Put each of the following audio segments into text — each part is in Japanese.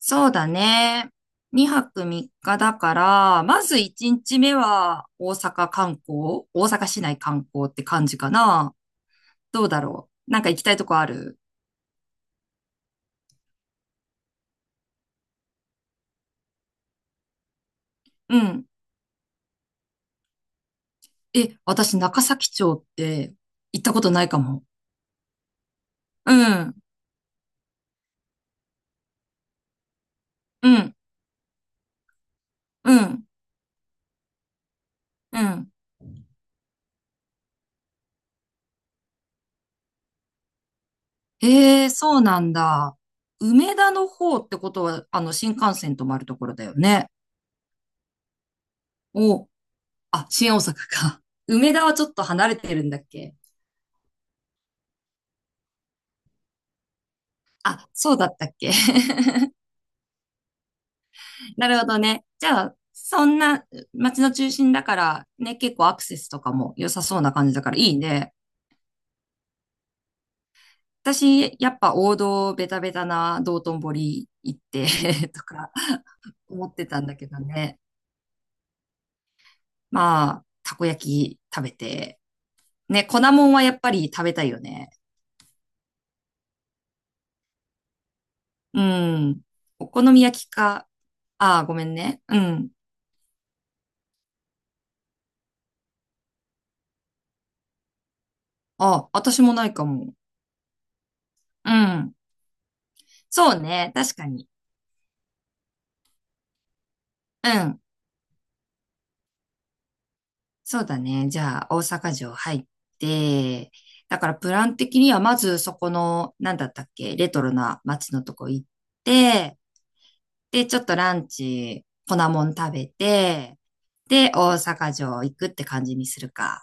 そうだね。2泊3日だから、まず1日目は大阪観光、大阪市内観光って感じかな。どうだろう。なんか行きたいとこある？うん。え、私中崎町って行ったことないかも。うん、うん、うん、うん。ええ、そうなんだ。梅田の方ってことは、新幹線止まるところだよね。お、あ、新大阪か。梅田はちょっと離れてるんだっけ？あ、そうだったっけ？ なるほどね。じゃあ、そんな街の中心だからね、結構アクセスとかも良さそうな感じだからいいね。私、やっぱ王道ベタベタな道頓堀行って とか思ってたんだけどね。まあ、たこ焼き食べて。ね、粉もんはやっぱり食べたいよね。うん。お好み焼きか。ああ、ごめんね。うん。あ、私もないかも。うん。そうね。確かに。うん。そうだね。じゃあ、大阪城入って、だからプラン的にはまずそこの、なんだったっけ、レトロな街のとこ行って、で、ちょっとランチ、粉もん食べて、で、大阪城行くって感じにするか。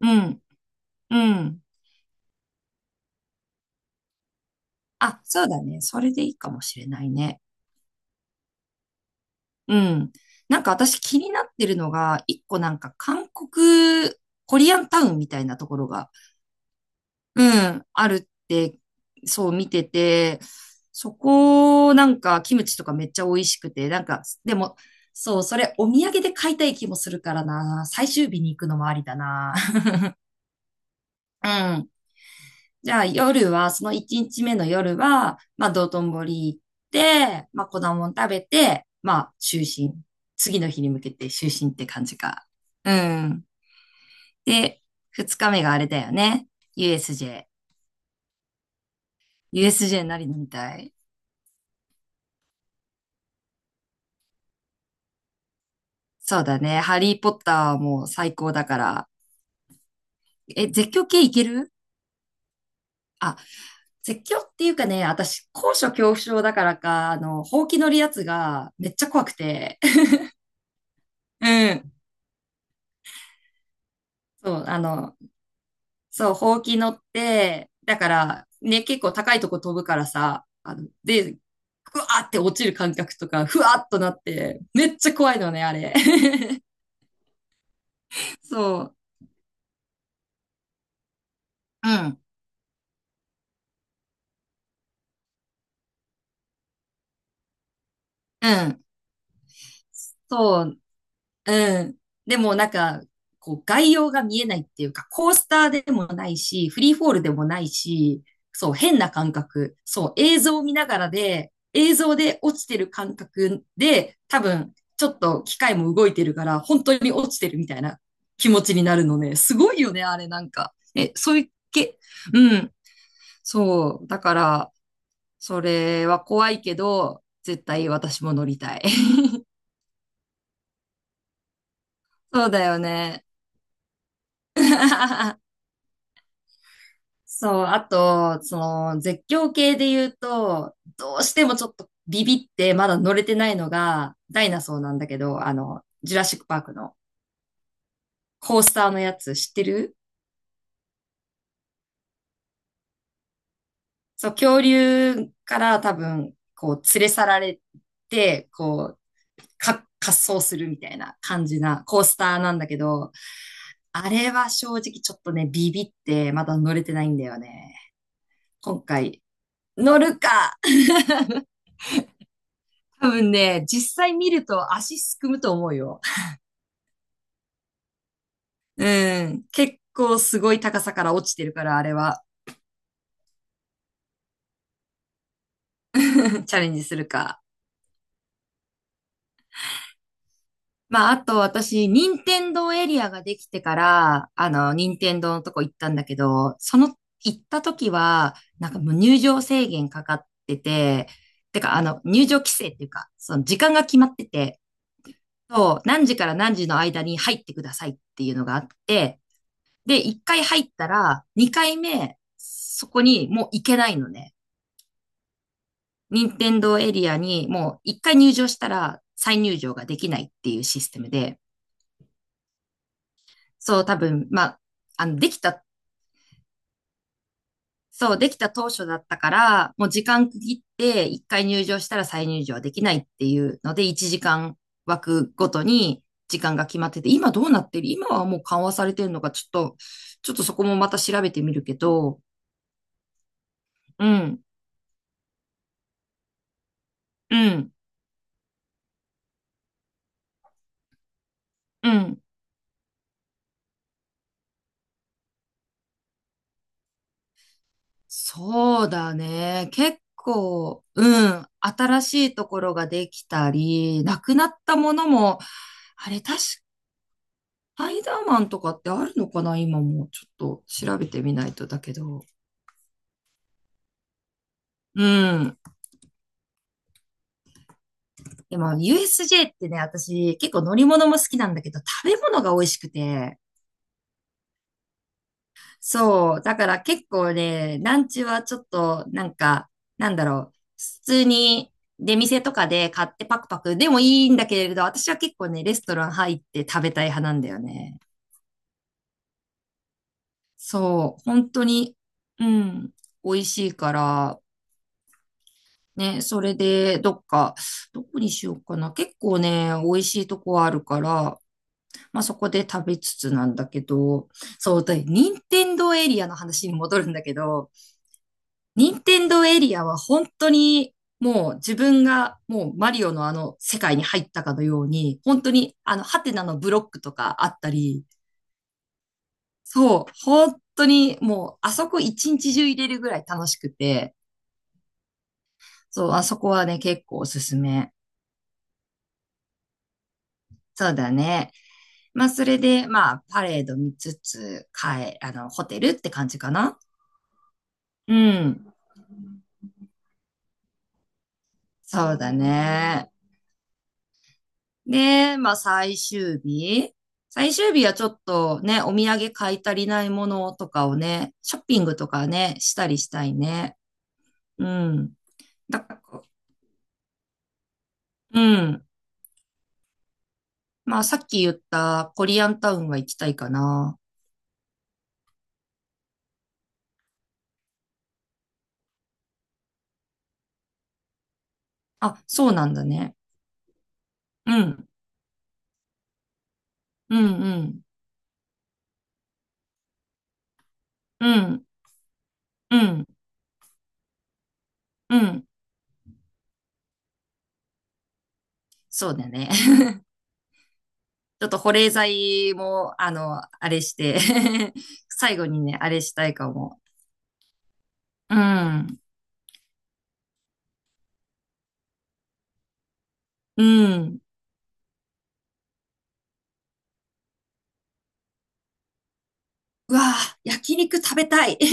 うん、うん。あ、そうだね。それでいいかもしれないね。うん。なんか私気になってるのが、一個なんか韓国、コリアンタウンみたいなところがうん、あるって、そう見てて、そこ、なんか、キムチとかめっちゃ美味しくて、なんか、でも、そう、それ、お土産で買いたい気もするからな。最終日に行くのもありだな。うん。じゃあ、夜は、その1日目の夜は、まあ、道頓堀行って、まあ、粉もん食べて、まあ、就寝。次の日に向けて就寝って感じか。うん。で、2日目があれだよね。USJ。USJ 何飲みたい？そうだね。ハリーポッターはもう最高だから。え、絶叫系いける？あ、絶叫っていうかね、私、高所恐怖症だからか、ほうき乗るやつがめっちゃ怖くて。うん。そう、そう、ほうき乗って、だから、ね、結構高いとこ飛ぶからさ、で、ふわーって落ちる感覚とか、ふわーっとなって、めっちゃ怖いのね、あれ。そう。うん。うん。そううん。でもなんか、こう概要が見えないっていうか、コースターでもないし、フリーフォールでもないし、そう、変な感覚。そう、映像を見ながらで、映像で落ちてる感覚で、多分、ちょっと機械も動いてるから、本当に落ちてるみたいな気持ちになるのね。すごいよね、あれなんか。え、そういうけ、うん。そう、だから、それは怖いけど、絶対私も乗りたい。そうだよね。そう、あと、その、絶叫系で言うと、どうしてもちょっとビビって、まだ乗れてないのが、ダイナソーなんだけど、ジュラシックパークのコースターのやつ知ってる？そう、恐竜から多分、こう、連れ去られて、こう、か、滑走するみたいな感じなコースターなんだけど、あれは正直ちょっとね、ビビって、まだ乗れてないんだよね。今回、乗るか？多分ね、実際見ると足すくむと思うよ。うん。結構すごい高さから落ちてるから、あれは。チャレンジするか。まあ、あと私、任天堂エリアができてから、任天堂のとこ行ったんだけど、その、行った時は、なんかもう入場制限かかってて、てか、入場規制っていうか、その時間が決まってて、そう、何時から何時の間に入ってくださいっていうのがあって、で、一回入ったら、二回目、そこにもう行けないのね。任天堂エリアにもう一回入場したら再入場ができないっていうシステムで、そう多分、まあ、できた、そう、できた当初だったから、もう時間区切って一回入場したら再入場はできないっていうので、一時間枠ごとに時間が決まってて、今どうなってる？今はもう緩和されてるのか、ちょっと、そこもまた調べてみるけど、うん、うん、うん。そうだね。結構、うん、新しいところができたり、なくなったものも、あれ、確か、スパイダーマンとかってあるのかな？今もちょっと調べてみないとだけど。うん。でも、USJ ってね、私結構乗り物も好きなんだけど、食べ物が美味しくて。そう。だから結構ね、ランチはちょっと、なんか、なんだろう。普通に出店とかで買ってパクパクでもいいんだけれど、私は結構ね、レストラン入って食べたい派なんだよね。そう。本当に、うん。美味しいから、ね、それで、どっか、どこにしようかな。結構ね、美味しいとこあるから、まあそこで食べつつなんだけど、そう、で、任天堂エリアの話に戻るんだけど、任天堂エリアは本当にもう自分がもうマリオのあの世界に入ったかのように、本当にあのハテナのブロックとかあったり、そう、本当にもうあそこ一日中入れるぐらい楽しくて、そう、あそこはね、結構おすすめ。そうだね。まあ、それで、まあ、パレード見つつ、帰、あの、ホテルって感じかな。うん。そうだね。で、まあ最終日。最終日はちょっとね、お土産買い足りないものとかをね、ショッピングとかね、したりしたいね。うん。だから、うん。まあさっき言ったコリアンタウンは行きたいかな。あ、そうなんだね。うん。うん、うん。うん、うん、うん。そうだね。ちょっと保冷剤も、あれして 最後にね、あれしたいかも。うん、うん。うわぁ、焼肉食べたい。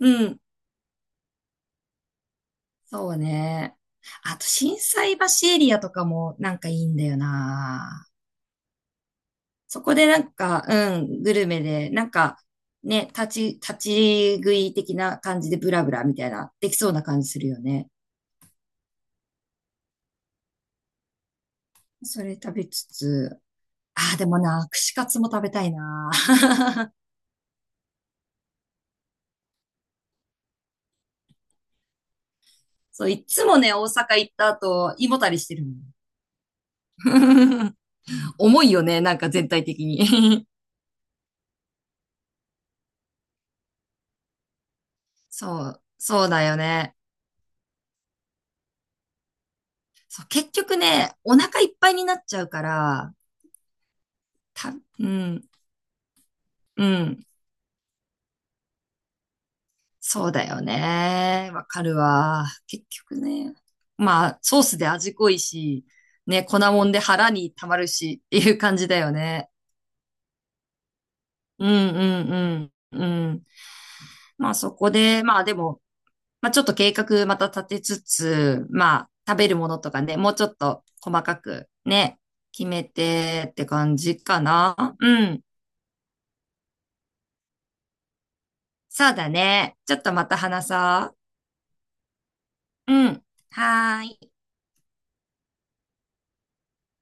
うん。そうね。あと、心斎橋エリアとかもなんかいいんだよな。そこでなんか、うん、グルメで、なんか、ね、立ち食い的な感じでブラブラみたいな、できそうな感じするよね。それ食べつつ、ああ、でもな、串カツも食べたいな。そう、いつもね、大阪行った後、胃もたりしてるもん。重いよね、なんか全体的に。そう、そうだよね。そう、結局ね、お腹いっぱいになっちゃうから、た、うん、うん。そうだよね。わかるわ。結局ね。まあ、ソースで味濃いし、ね、粉もんで腹に溜まるしっていう感じだよね。うんうんうん。うん。まあそこで、まあでも、まあちょっと計画また立てつつ、まあ食べるものとかね、もうちょっと細かくね、決めてって感じかな。うん。そうだね。ちょっとまた話そう。うん。はーい。